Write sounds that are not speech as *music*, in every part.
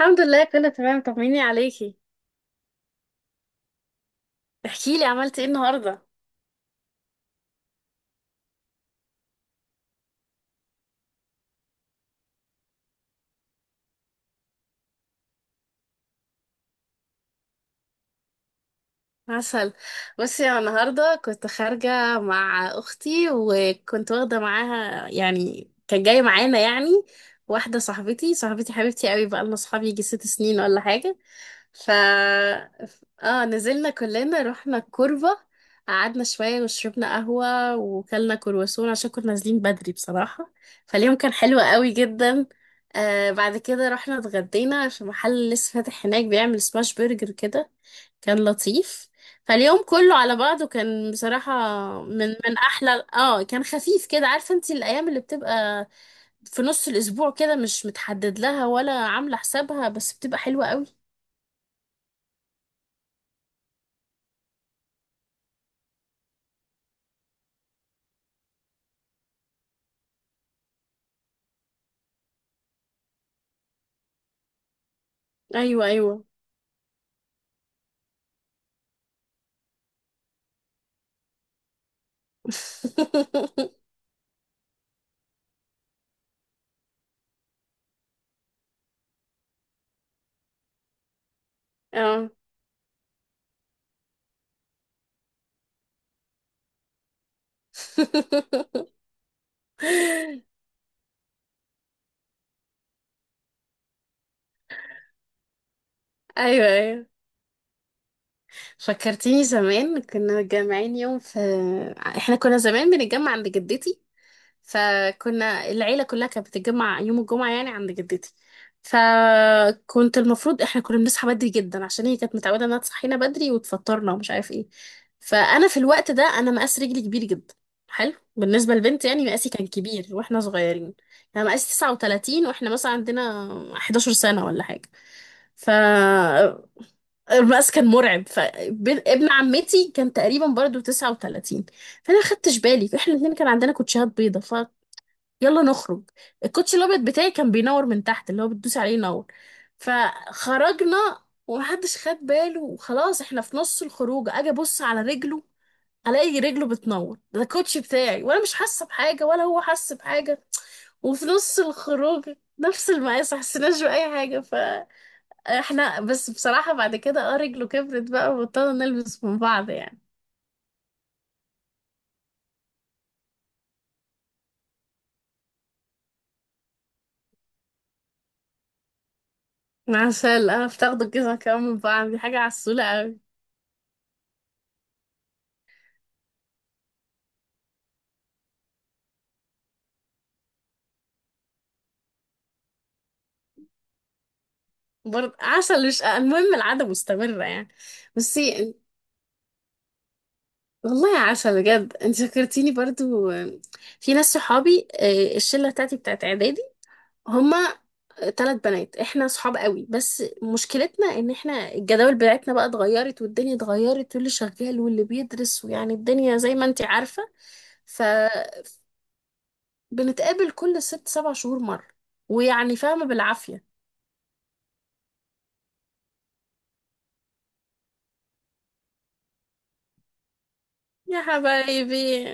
الحمد لله كله تمام، طمني عليكي. احكي لي عملتي ايه النهارده؟ عسل. بصي انا النهارده كنت خارجه مع اختي، وكنت واخده معاها يعني كان جاي معانا يعني واحده صاحبتي حبيبتي قوي، بقى لنا صحاب يجي ست سنين ولا حاجه. ف اه نزلنا كلنا رحنا الكوربة، قعدنا شوية وشربنا قهوة وكلنا كرواسون عشان كنا نازلين بدري بصراحة. فاليوم كان حلو قوي جدا. بعد كده رحنا اتغدينا في محل لسه فاتح هناك بيعمل سماش برجر كده، كان لطيف. فاليوم كله على بعضه كان بصراحة من أحلى، كان خفيف كده، عارفة انت الأيام اللي بتبقى في نص الأسبوع كده، مش متحدد لها ولا عاملة حسابها بس بتبقى حلوة قوي. أيوة أيوة. *laughs* اه. *laughs* ايوه ايوه. فكرتيني زمان كنا متجمعين يوم في، احنا كنا زمان بنتجمع عند جدتي، فكنا العيلة كلها كانت بتتجمع يوم الجمعة يعني عند جدتي. فكنت المفروض احنا كنا بنصحى بدري جدا عشان هي كانت متعودة انها تصحينا بدري وتفطرنا ومش عارف ايه. فانا في الوقت ده مقاس رجلي كبير جدا، حلو بالنسبة للبنت يعني مقاسي كان كبير واحنا صغيرين. انا مقاسي 39 واحنا مثلا عندنا 11 سنة ولا حاجة. فالمقاس كان مرعب. فابن عمتي كان تقريبا برضو 39، فانا ما خدتش بالي احنا الاثنين كان عندنا كوتشيهات بيضة. يلا نخرج، الكوتش الابيض بتاعي كان بينور من تحت، اللي هو بتدوسي عليه ينور. فخرجنا ومحدش خد باله وخلاص، احنا في نص الخروج اجي ابص على رجله، الاقي رجله بتنور، ده الكوتش بتاعي، وانا مش حاسه بحاجه ولا هو حاسس بحاجه. وفي نص الخروج نفس المقاس ما حسيناش باي حاجه. فاحنا بس بصراحه بعد كده رجله كبرت بقى وبطلنا نلبس من بعض يعني. عسل، اه بتاخدوا الجزمه كمان من بعض، دي حاجه عسوله قوي. برضه عسل، مش المهم العادة مستمرة يعني. بصي، والله يا عسل بجد انت فكرتيني برضو في ناس صحابي، الشلة بتاعتي بتاعت اعدادي، هما ثلاث بنات، احنا صحاب قوي بس مشكلتنا ان احنا الجداول بتاعتنا بقى اتغيرت والدنيا اتغيرت، واللي شغال واللي بيدرس، ويعني الدنيا زي ما انت عارفة. فبنتقابل كل ست سبع شهور مرة، ويعني فاهمة بالعافية. يا حبايبي.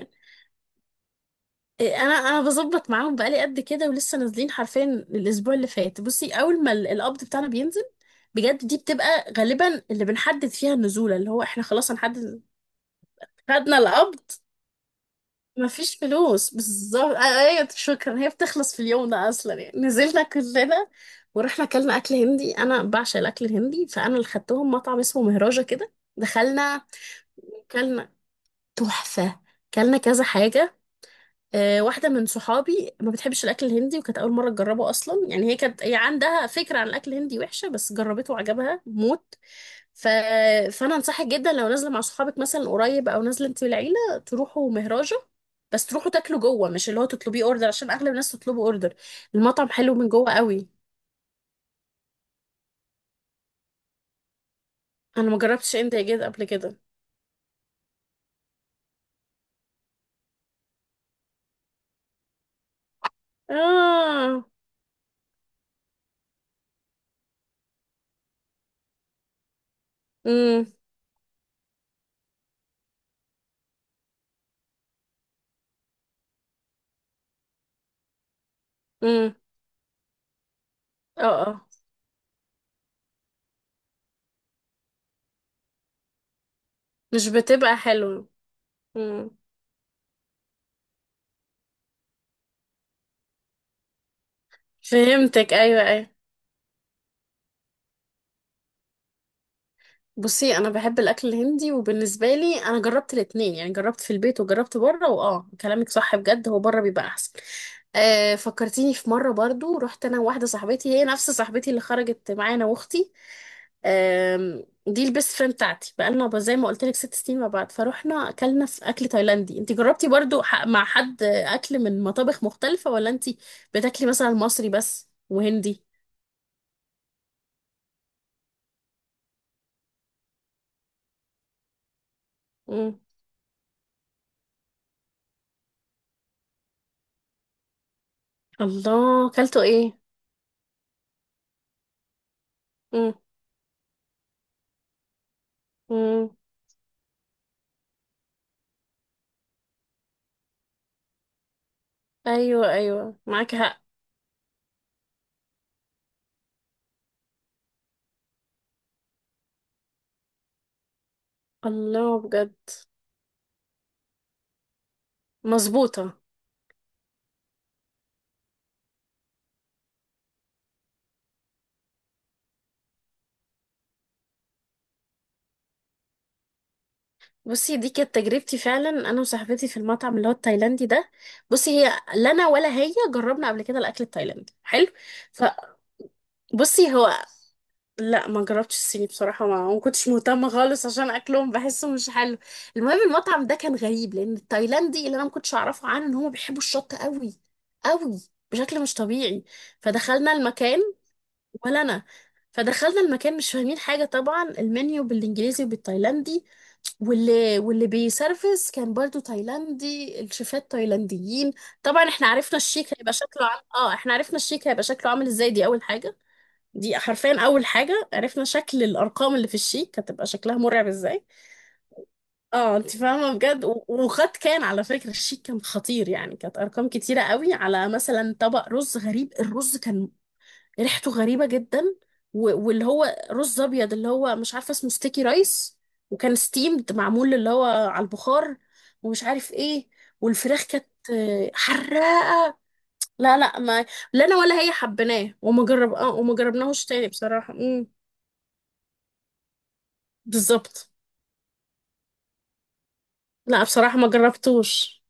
انا بظبط معاهم بقالي قد كده ولسه نازلين حرفيا الاسبوع اللي فات. بصي اول ما القبض بتاعنا بينزل بجد، دي بتبقى غالبا اللي بنحدد فيها النزوله، اللي هو احنا خلاص هنحدد، خدنا القبض، مفيش فلوس بالظبط. ايوه شكرا، هي بتخلص في اليوم ده اصلا يعني. نزلنا كلنا ورحنا اكلنا اكل هندي. انا بعشق الاكل الهندي، فانا اللي خدتهم مطعم اسمه مهراجة كده، دخلنا كلنا. تحفه. كلنا كذا حاجه. واحدة من صحابي ما بتحبش الأكل الهندي وكانت أول مرة تجربه أصلا يعني، هي عندها فكرة عن الأكل الهندي وحشة، بس جربته وعجبها موت. ف... فأنا أنصحك جدا لو نازلة مع صحابك مثلا قريب، أو نازلة أنت والعيلة، تروحوا مهراجة. بس تروحوا تاكلوا جوه، مش اللي هو تطلبيه أوردر عشان أغلب الناس تطلبوا أوردر. المطعم حلو من جوه قوي. أنا ما جربتش إنديا جيت قبل كده. آه. امم امم. اه. مش بتبقى حلوة. امم فهمتك، أيوة أيوة. بصي انا بحب الاكل الهندي، وبالنسبه لي انا جربت الاتنين يعني، جربت في البيت وجربت بره، واه كلامك صح بجد، هو بره بيبقى احسن. آه فكرتيني في مره برضو، رحت انا وواحده صاحبتي، هي نفس صاحبتي اللي خرجت معانا واختي. دي البيست فريند بتاعتي، بقالنا زي ما قلت لك ست سنين مع بعض. فروحنا اكلنا في اكل تايلاندي. انت جربتي برضو مع حد اكل من مطابخ مختلفه، ولا انت بتاكلي مثلا مصري بس وهندي؟ مم. الله اكلته ايه؟ مم. ايوه ايوه معاك حق. الله بجد. مظبوطه. بصي دي كانت تجربتي فعلا انا وصاحبتي في المطعم اللي هو التايلاندي ده. بصي لا انا ولا هي جربنا قبل كده الاكل التايلاندي حلو. فبصي هو لا ما جربتش الصيني بصراحه، ما كنتش مهتمه خالص عشان اكلهم بحسه مش حلو. المهم المطعم ده كان غريب، لان التايلاندي اللي انا ما كنتش اعرفه عنه ان هم بيحبوا الشطه قوي قوي بشكل مش طبيعي. فدخلنا المكان. ولا انا. فدخلنا المكان مش فاهمين حاجه طبعا، المنيو بالانجليزي وبالتايلاندي، واللي بيسرفس كان برضو تايلاندي، الشيفات تايلانديين. طبعا احنا عرفنا الشيك هيبقى شكله عام... اه احنا عرفنا الشيك هيبقى شكله عامل ازاي، دي اول حاجه. دي حرفيا اول حاجه، عرفنا شكل الارقام اللي في الشيك هتبقى شكلها مرعب ازاي. اه انت فاهمه بجد. وخد، كان على فكره الشيك كان خطير يعني، كانت ارقام كتيره قوي على مثلا طبق رز. غريب الرز كان ريحته غريبة جدا. واللي هو رز ابيض اللي هو مش عارفة اسمه ستيكي رايس، وكان ستيمد معمول اللي هو على البخار ومش عارف ايه. والفراخ كانت حراقة. لا لا ما لا انا ولا هي حبيناه، وما جربناهوش تاني بصراحة. امم. بالظبط. لا بصراحة ما جربتوش.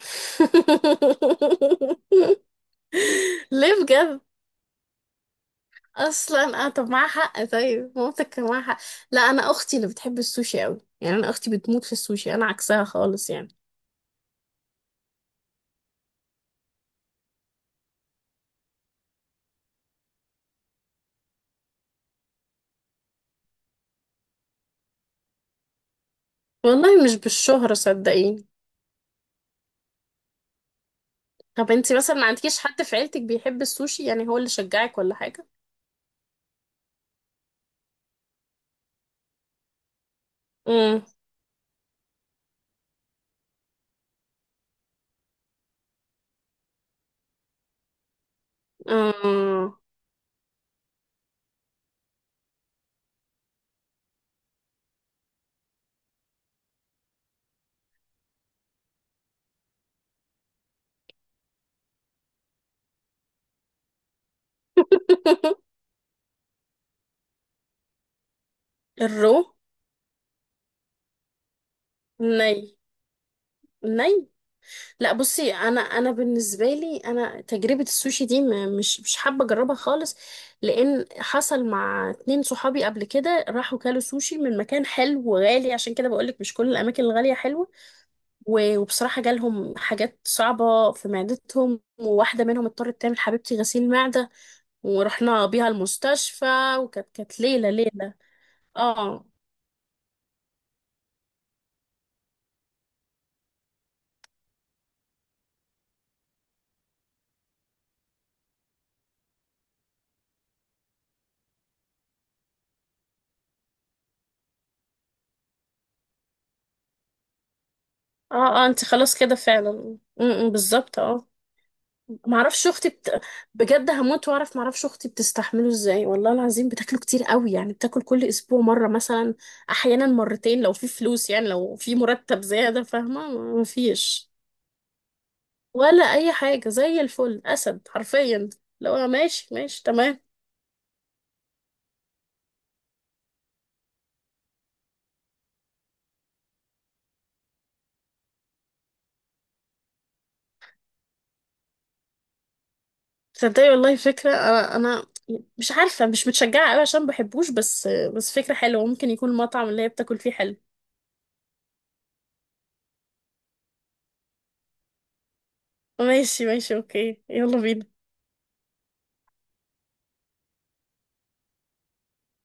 *laughs* ليه بجد؟ اصلا اه طب معاها حق، طيب مامتك كان معاها حق. لا انا اختي اللي بتحب السوشي قوي يعني، انا اختي بتموت في السوشي، انا عكسها خالص يعني. والله مش بالشهرة صدقيني. طب انتي مثلا ما عندكيش حد في عيلتك بيحب السوشي؟ يعني هو اللي شجعك ولا حاجة؟ امم. اه. *laughs* الرو. الني. الني. لا بصي انا بالنسبه لي انا تجربه السوشي دي مش حابه اجربها خالص، لان حصل مع اتنين صحابي قبل كده راحوا كلوا سوشي من مكان حلو وغالي، عشان كده بقولك مش كل الاماكن الغاليه حلوه. وبصراحه جالهم حاجات صعبه في معدتهم، وواحده منهم اضطرت تعمل حبيبتي غسيل معده ورحنا بيها المستشفى، وكانت ليله ليله. اه اه. اه انت خلاص كده فعلا. م- م، بالظبط اه. معرفش اختي بجد هموت واعرف معرفش اختي بتستحمله ازاي، والله العظيم بتاكله كتير قوي يعني، بتاكل كل اسبوع مره مثلا، احيانا مرتين لو في فلوس يعني، لو في مرتب زياده، فاهمه. مفيش، ولا اي حاجه، زي الفل، اسد حرفيا، لو ماشي ماشي تمام. تصدقي والله فكره. انا مش عارفه مش متشجعه قوي عشان بحبوش، بس فكره حلوه، ممكن يكون المطعم اللي هي بتاكل فيه حلو. ماشي ماشي اوكي، يلا بينا.